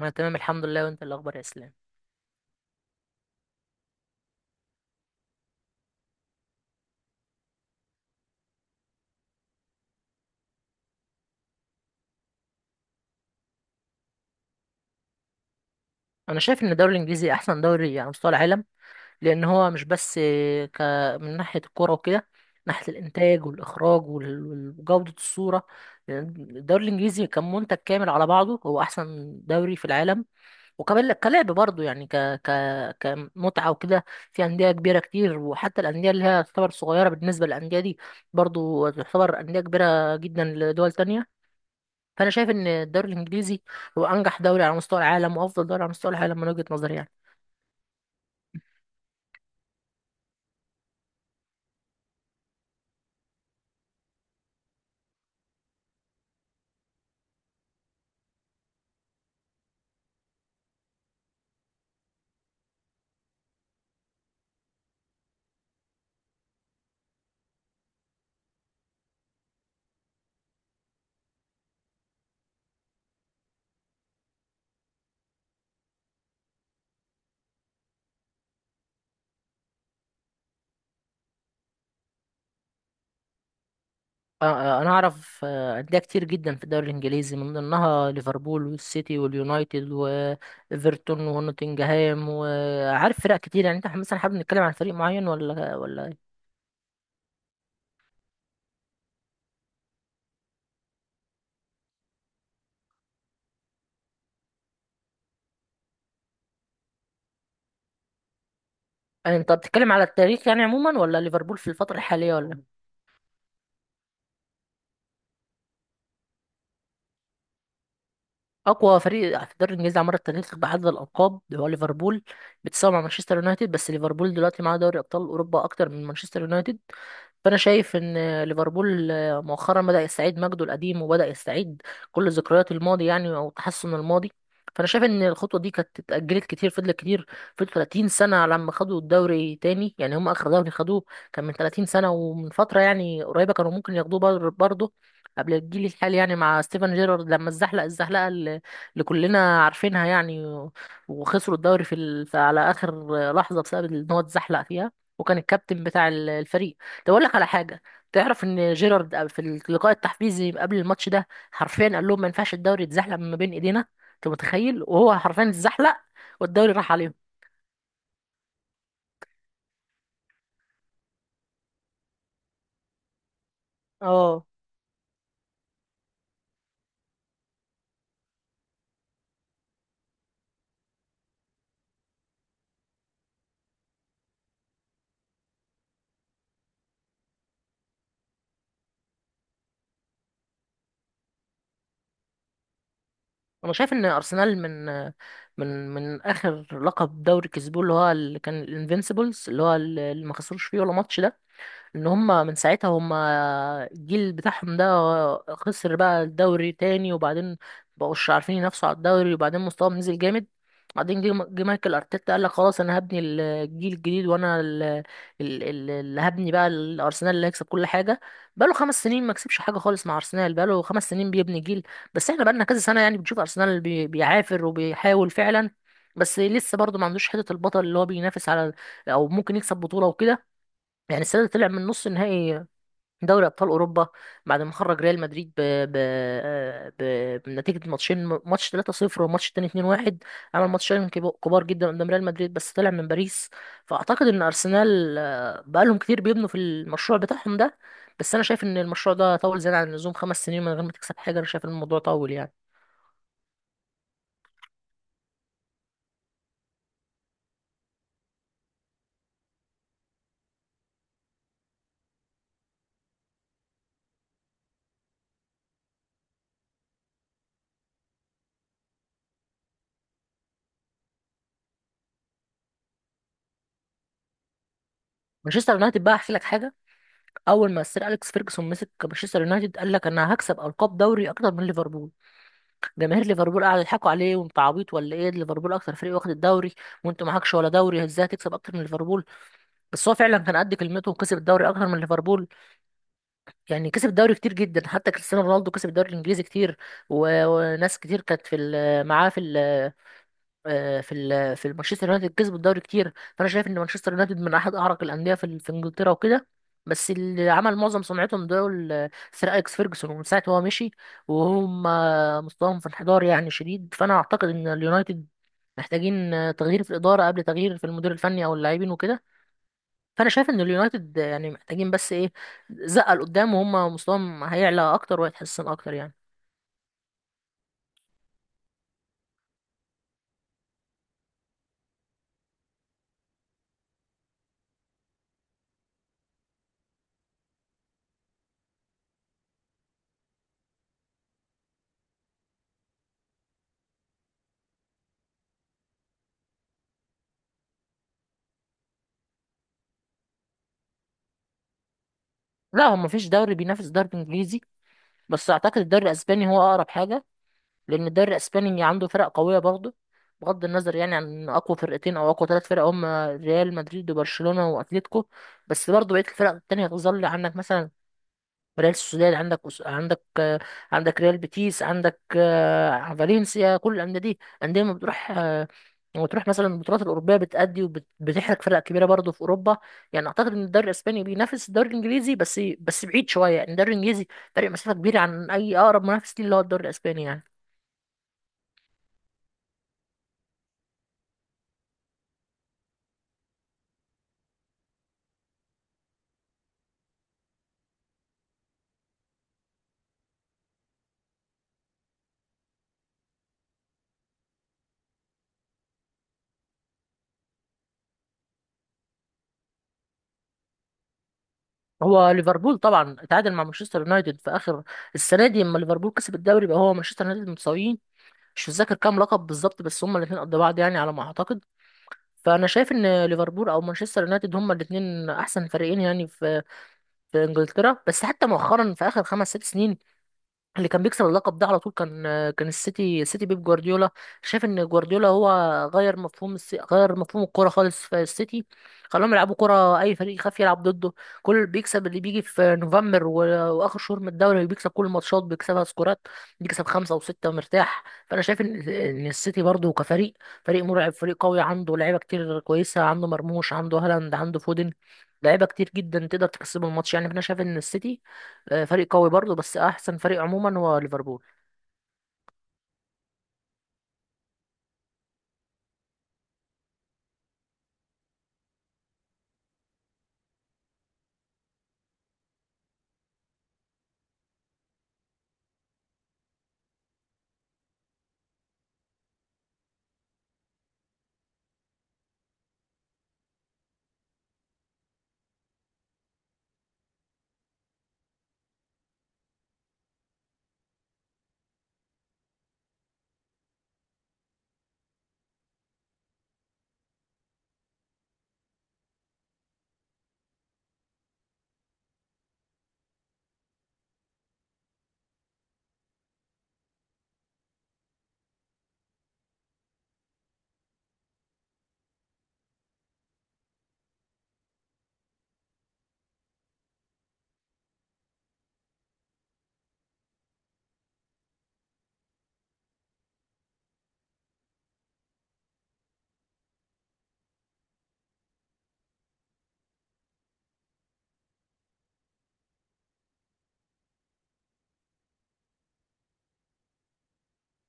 انا تمام الحمد لله، وانت إيه الاخبار يا اسلام؟ انا شايف ان الدوري الانجليزي احسن دوري على مستوى العالم، لان هو مش بس ك من ناحيه الكوره وكده، ناحيه الانتاج والاخراج وجوده الصوره. لأن الدوري الانجليزي كمنتج كامل على بعضه هو احسن دوري في العالم. وكمان كلعب برضه يعني ك ك كمتعه وكده. في انديه كبيره كتير، وحتى الانديه اللي هي تعتبر صغيره بالنسبه للانديه دي برضه تعتبر انديه كبيره جدا لدول تانية. فانا شايف ان الدوري الانجليزي هو انجح دوري على مستوى العالم وافضل دوري على مستوى العالم من وجهة نظري يعني. انا اعرف انديه كتير جدا في الدوري الانجليزي، من ضمنها ليفربول والسيتي واليونايتد وايفرتون ونوتنجهام وعارف فرق كتير، يعني انت مثلا حابب نتكلم عن فريق معين ولا إيه؟ يعني انت بتتكلم على التاريخ يعني عموما، ولا ليفربول في الفتره الحاليه ولا؟ اقوى فريق في الدوري الانجليزي على مر التاريخ بعدد الالقاب هو ليفربول، بيتساوي مع مانشستر يونايتد، بس ليفربول دلوقتي معاه دوري ابطال اوروبا اكتر من مانشستر يونايتد. فانا شايف ان ليفربول مؤخرا بدا يستعيد مجده القديم، وبدا يستعيد كل ذكريات الماضي يعني، او تحسن الماضي. فانا شايف ان الخطوه دي كانت اتاجلت كتير، فضلت كتير، فضلت 30 سنه على ما خدوا الدوري تاني، يعني هم اخر دوري خدوه كان من 30 سنه. ومن فتره يعني قريبه كانوا ممكن ياخدوه برضه، قبل الجيل الحالي، يعني مع ستيفن جيرارد لما اتزحلق الزحلقه اللي كلنا عارفينها يعني، وخسروا الدوري على اخر لحظه، بسبب ان هو اتزحلق فيها، وكان الكابتن بتاع الفريق. طب اقول لك على حاجه، تعرف ان جيرارد في اللقاء التحفيزي قبل الماتش ده حرفيا قال لهم ما ينفعش الدوري يتزحلق من ما بين ايدينا. انت متخيل؟ وهو حرفيا اتزحلق والدوري راح عليهم. اه، انا شايف ان ارسنال من اخر لقب دوري كسبوه، اللي هو اللي كان الانفينسيبلز، اللي هو اللي ما خسروش فيه ولا ماتش ده، ان هم من ساعتها، هم الجيل بتاعهم ده خسر بقى الدوري تاني، وبعدين مبقوش عارفين ينافسوا على الدوري، وبعدين مستواهم نزل جامد. بعدين جه مايكل ارتيتا قال لك خلاص انا هبني الجيل الجديد، وانا اللي هبني بقى الارسنال اللي هيكسب كل حاجه. بقاله 5 سنين ما كسبش حاجه خالص مع ارسنال، بقاله 5 سنين بيبني جيل. بس احنا بقالنا كذا سنه يعني بنشوف ارسنال بيعافر وبيحاول فعلا، بس لسه برضه ما عندوش حته البطل اللي هو بينافس على، او ممكن يكسب بطوله وكده. يعني السنة دي طلع من نص نهائي دوري أبطال أوروبا، بعد ما خرج ريال مدريد بنتيجة ماتشين، ماتش 3-0 والماتش التاني 2-1، عمل ماتشين كبار جدا قدام ريال مدريد، بس طلع من باريس. فأعتقد إن أرسنال بقالهم كتير بيبنوا في المشروع بتاعهم ده، بس أنا شايف إن المشروع ده طول زيادة عن اللزوم، 5 سنين من غير ما تكسب حاجة. أنا شايف إن الموضوع طول يعني. مانشستر يونايتد بقى، أحكي لك حاجة. أول ما السير أليكس فيرجسون مسك مانشستر يونايتد قال لك أنا هكسب ألقاب دوري أكتر من ليفربول، جماهير ليفربول قاعدة يضحكوا عليه، وانت عبيط ولا ايه، ليفربول اكتر فريق واخد الدوري وانت معكش ولا دوري، ازاي هتكسب اكتر من ليفربول؟ بس هو فعلا كان قد كلمته وكسب الدوري اكتر من ليفربول، يعني كسب الدوري كتير جدا. حتى كريستيانو رونالدو كسب الدوري الانجليزي كتير، وناس كتير كانت في معاه في في مانشستر يونايتد، كسب الدوري كتير. فانا شايف ان مانشستر يونايتد من احد اعرق الانديه في في انجلترا وكده. بس اللي عمل معظم سمعتهم دول سير اليكس فيرجسون، ومن ساعه هو مشي وهم مستواهم في انحدار يعني شديد. فانا اعتقد ان اليونايتد محتاجين تغيير في الاداره قبل تغيير في المدير الفني او اللاعبين وكده. فانا شايف ان اليونايتد يعني محتاجين بس ايه، زقه لقدام، وهم مستواهم هيعلى اكتر وهيتحسن اكتر يعني. لا، هو مفيش دوري بينافس الدوري الانجليزي، بس اعتقد الدوري الاسباني هو اقرب حاجه. لان الدوري الاسباني عنده فرق قويه برضه، بغض النظر يعني عن اقوى فرقتين او اقوى 3 فرق، هم ريال مدريد وبرشلونه واتليتيكو. بس برضه بقيه الفرق التانية هتظل، عندك مثلا ريال سوسيداد، عندك عندك عندك ريال بيتيس، عندك فالنسيا. كل الانديه دي انديه ما بتروح، لما تروح مثلا البطولات الاوروبيه بتأدي وبتحرق فرق كبيره برضه في اوروبا. يعني اعتقد ان الدوري الاسباني بينافس الدوري الانجليزي، بس بعيد شويه يعني، الدوري الانجليزي فرق مسافه كبيره عن اي اقرب منافس ليه اللي هو الدوري الاسباني يعني. هو ليفربول طبعا، اتعادل مع مانشستر يونايتد في اخر السنه دي لما ليفربول كسب الدوري، يبقى هو مانشستر يونايتد متساويين. مش متذكر كام لقب بالظبط، بس هما الاثنين قد بعض يعني على ما اعتقد. فانا شايف ان ليفربول او مانشستر يونايتد هما الاثنين احسن فريقين يعني في انجلترا. بس حتى مؤخرا في اخر خمس ست سنين، اللي كان بيكسب اللقب ده على طول كان السيتي بيب جوارديولا. شايف ان جوارديولا هو غير مفهوم غير مفهوم الكوره خالص في السيتي، خلاهم يلعبوا كوره اي فريق يخاف يلعب ضده. كل بيكسب اللي بيجي في نوفمبر واخر شهور من الدوري بيكسب كل الماتشات، بيكسبها سكورات، بيكسب خمسه وسته مرتاح. فانا شايف ان السيتي برضه كفريق، فريق مرعب، فريق قوي، عنده لعيبه كتير كويسه، عنده مرموش، عنده هالاند، عنده فودن، لعيبه كتير جدا تقدر تكسبه الماتش يعني. فانا شايف ان السيتي فريق قوي برضه، بس احسن فريق عموما هو ليفربول.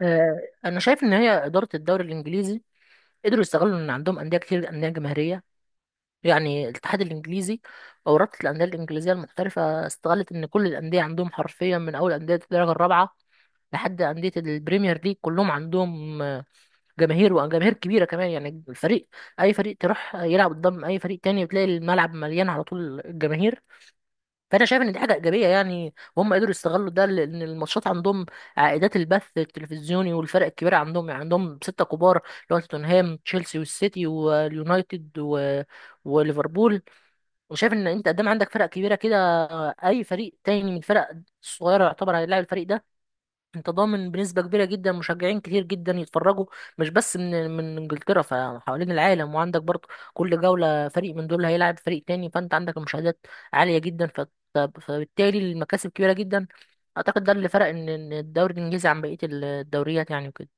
آه، انا شايف ان هي اداره الدوري الانجليزي قدروا يستغلوا ان عندهم انديه كتير، انديه جماهيريه. يعني الاتحاد الانجليزي، او رابطه الانديه الانجليزيه المحترفه، استغلت ان كل الانديه عندهم حرفيا من اول انديه الدرجه الرابعه لحد أندية البريمير ليج كلهم عندهم جماهير، وجماهير كبيرة كمان يعني. الفريق، أي فريق تروح يلعب قدام أي فريق تاني بتلاقي الملعب مليان على طول الجماهير. فانا شايف ان دي حاجه ايجابيه يعني، وهم قدروا يستغلوا ده، لان الماتشات عندهم عائدات البث التلفزيوني، والفرق الكبيره عندهم يعني عندهم سته كبار، اللي هو توتنهام، تشيلسي، والسيتي، واليونايتد، وليفربول. وشايف ان انت قدام عندك فرق كبيره كده، اي فريق تاني من الفرق الصغيره يعتبر هيلاعب الفريق ده، انت ضامن بنسبة كبيرة جدا مشجعين كتير جدا يتفرجوا، مش بس من انجلترا، فحوالين العالم. وعندك برضه كل جولة فريق من دول هيلعب فريق تاني، فانت عندك المشاهدات عالية جدا، فبالتالي المكاسب كبيرة جدا. اعتقد ده اللي فرق ان الدوري الانجليزي عن بقية الدوريات يعني وكده.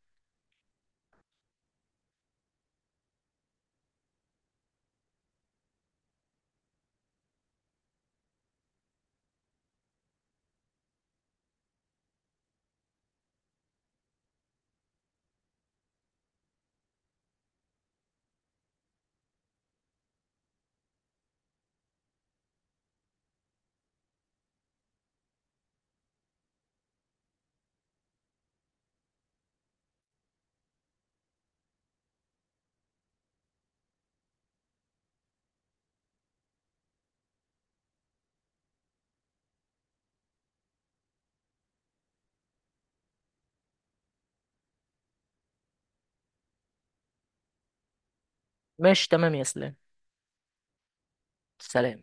ماشي تمام يا اسلام. سلام.